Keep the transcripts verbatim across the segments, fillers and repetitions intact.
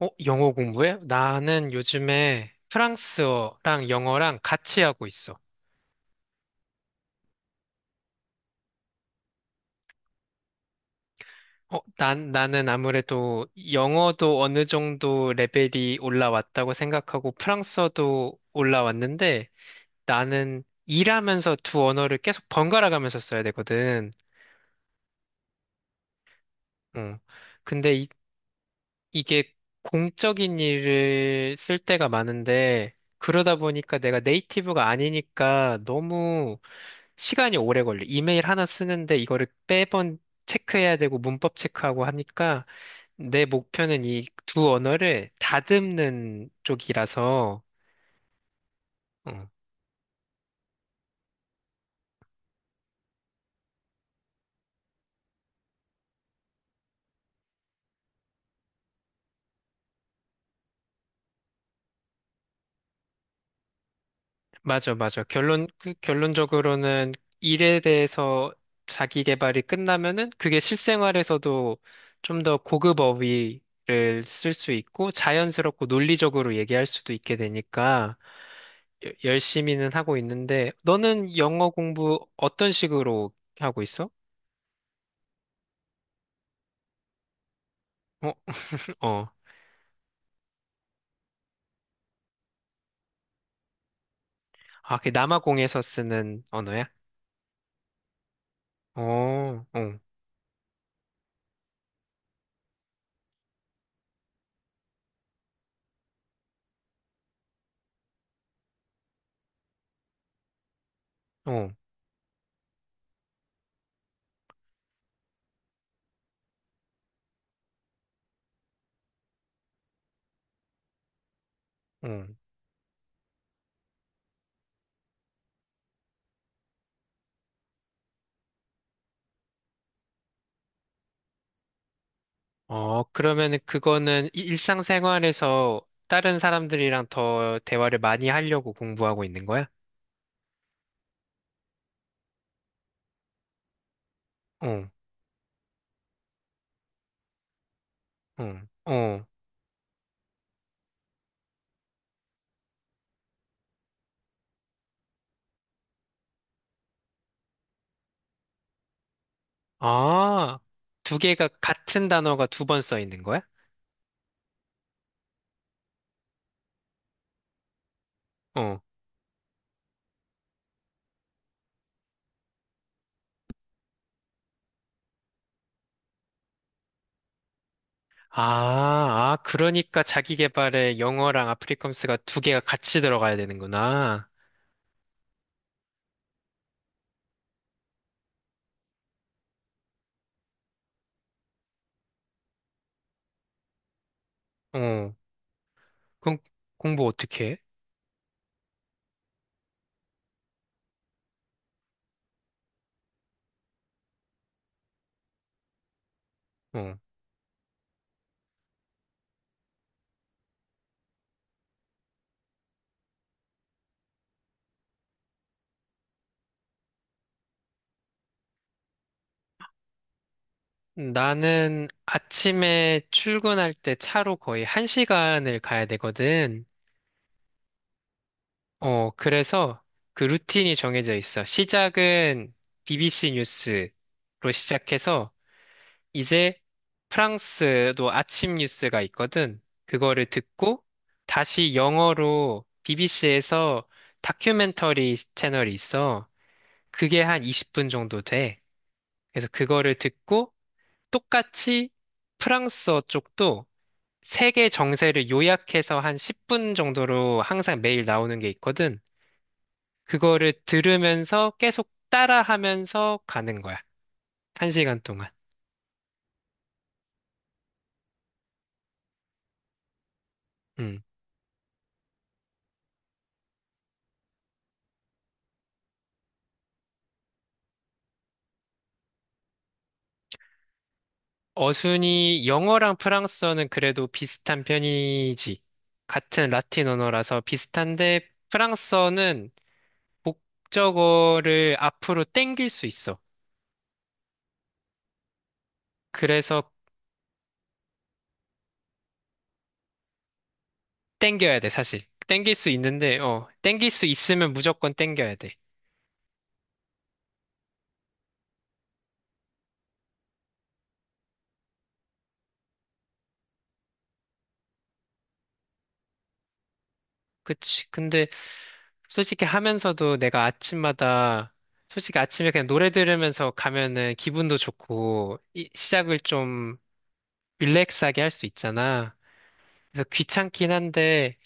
어, 영어 공부해? 나는 요즘에 프랑스어랑 영어랑 같이 하고 있어. 어, 난, 나는 아무래도 영어도 어느 정도 레벨이 올라왔다고 생각하고 프랑스어도 올라왔는데 나는 일하면서 두 언어를 계속 번갈아 가면서 써야 되거든. 어. 근데 이게 공적인 일을 쓸 때가 많은데, 그러다 보니까 내가 네이티브가 아니니까 너무 시간이 오래 걸려. 이메일 하나 쓰는데 이거를 매번 체크해야 되고 문법 체크하고 하니까 내 목표는 이 두 언어를 다듬는 쪽이라서, 어, 맞아, 맞아. 결론, 그 결론적으로는 일에 대해서 자기 개발이 끝나면은 그게 실생활에서도 좀 더 고급 어휘를 쓸 수 있고 자연스럽고 논리적으로 얘기할 수도 있게 되니까 여- 열심히는 하고 있는데 너는 영어 공부 어떤 식으로 하고 있어? 어, 어. 아, 그 남아공에서 쓰는 언어야? 어, 어, 어, 어. 어, 그러면은 그거는 이- 일상생활에서 다른 사람들이랑 더 대화를 많이 하려고 공부하고 있는 거야? 어, 어, 어. 아, 두 개가 같은 단어가 두 번 써 있는 거야? 어. 아, 아, 그러니까 자기 개발에 영어랑 아프리컴스가 두 개가 같이 들어가야 되는구나. 어, 그럼 공부 어떻게 해? 어. 나는 아침에 출근할 때 차로 거의 한 시간을 가야 되거든. 어, 그래서 그 루틴이 정해져 있어. 시작은 비비씨 뉴스로 시작해서 이제 프랑스도 아침 뉴스가 있거든. 그거를 듣고 다시 영어로 비비씨에서 다큐멘터리 채널이 있어. 그게 한 이십 분 정도 돼. 그래서 그거를 듣고 똑같이 프랑스어 쪽도 세계 정세를 요약해서 한 십 분 정도로 항상 매일 나오는 게 있거든. 그거를 들으면서 계속 따라하면서 가는 거야. 한 시간 동안. 음. 어순이 영어랑 프랑스어는 그래도 비슷한 편이지. 같은 라틴 언어라서 비슷한데 프랑스어는 목적어를 앞으로 땡길 수 있어. 그래서 땡겨야 돼, 사실. 땡길 수 있는데, 어, 땡길 수 있으면 무조건 땡겨야 돼. 그치. 근데 솔직히 하면서도 내가 아침마다, 솔직히 아침에 그냥 노래 들으면서 가면은 기분도 좋고, 이- 시작을 좀 릴렉스하게 할 수 있잖아. 그래서 귀찮긴 한데,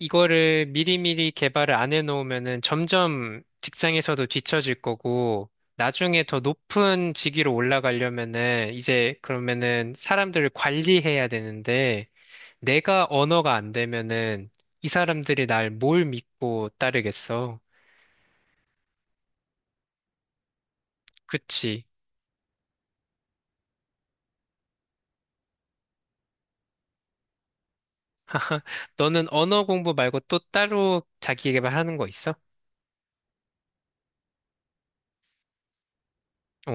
이거를 미리미리 개발을 안 해놓으면은 점점 직장에서도 뒤처질 거고, 나중에 더 높은 직위로 올라가려면은, 이제 그러면은 사람들을 관리해야 되는데, 내가 언어가 안 되면은, 이 사람들이 날 뭘 믿고 따르겠어? 그치. 너는 언어 공부 말고 또 따로 자기 개발하는 거 있어? 어,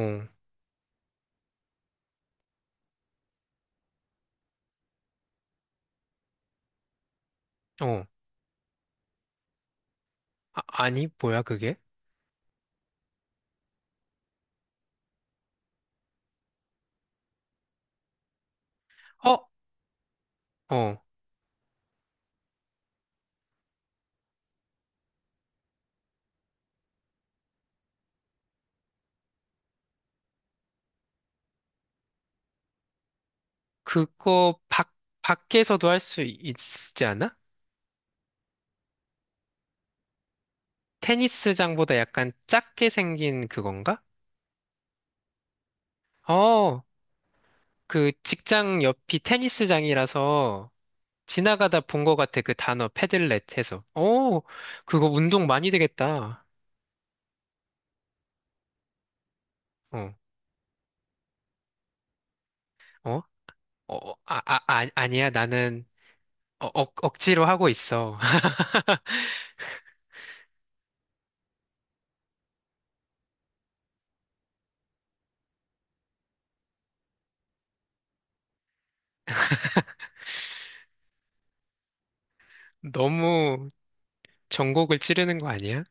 어. 아, 아니, 뭐야, 그게? 어, 어. 그거 밖, 밖에서도 할 수 있지 않아? 테니스장보다 약간 작게 생긴 그건가? 어, 그 직장 옆이 테니스장이라서 지나가다 본 거 같아. 그 단어 패들렛 해서. 어, 그거 운동 많이 되겠다. 어, 어? 어, 어, 아, 아, 아, 아니야. 나는 어, 억, 억지로 하고 있어. 너무 전곡을 찌르는 거 아니야?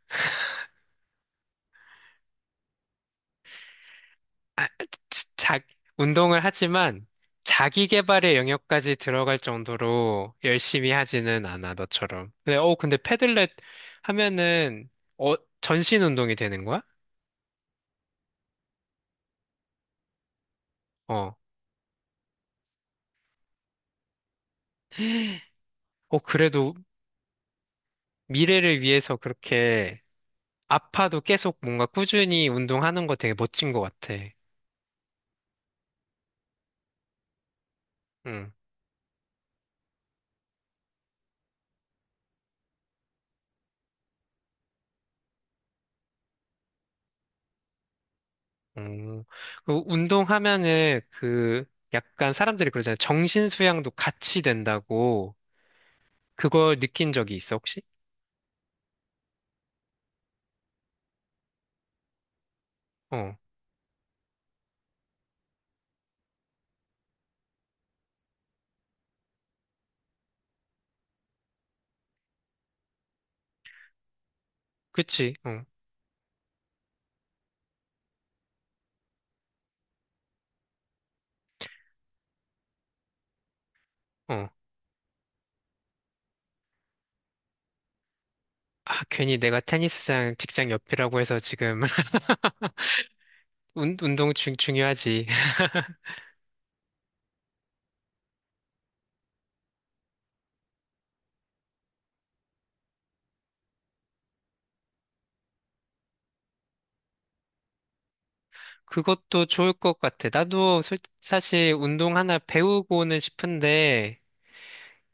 아, 자, 자- 운동을 하지만 자기 개발의 영역까지 들어갈 정도로 열심히 하지는 않아, 너처럼. 근데, 어, 근데 패들렛 하면은, 어, 전신 운동이 되는 거야? 어, 어, 그래도 미래를 위해서 그렇게 아파도 계속 뭔가 꾸준히 운동하는 거 되게 멋진 것 같아. 응. 음, 그 운동하면은 그 약간 사람들이 그러잖아요. 정신 수양도 같이 된다고 그걸 느낀 적이 있어, 혹시? 어, 그치, 어, 어. 아, 괜히 내가 테니스장 직장 옆이라고 해서 지금 운, 운동 중, 중요하지. 그것도 좋을 것 같아. 나도 솔- 사실 운동 하나 배우고는 싶은데,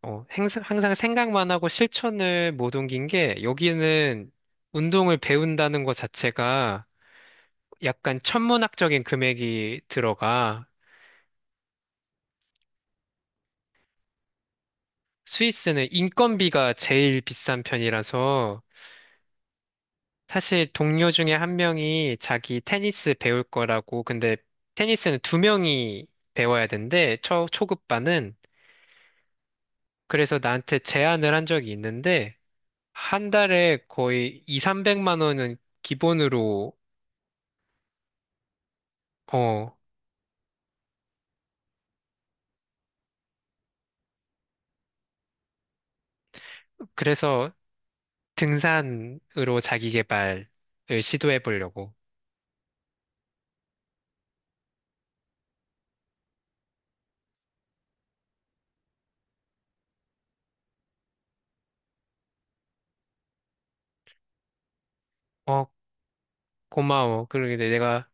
어, 항상, 항상 생각만 하고 실천을 못 옮긴 게 여기는 운동을 배운다는 것 자체가 약간 천문학적인 금액이 들어가. 스위스는 인건비가 제일 비싼 편이라서 사실 동료 중에 한 명이 자기 테니스 배울 거라고. 근데 테니스는 두 명이 배워야 된대. 초, 초급반은. 그래서 나한테 제안을 한 적이 있는데 한 달에 거의 이백, 삼백만 원은 기본으로. 어. 그래서 등산으로 자기 개발을 시도해 보려고. 어, 고마워. 그러게 내가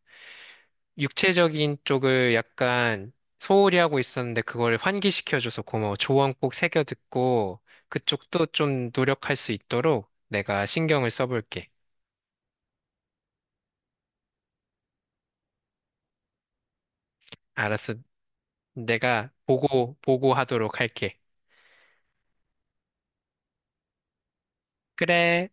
육체적인 쪽을 약간 소홀히 하고 있었는데 그걸 환기시켜줘서 고마워. 조언 꼭 새겨 듣고 그쪽도 좀 노력할 수 있도록 내가 신경을 써볼게. 알았어. 내가 보고, 보고하도록 할게. 그래.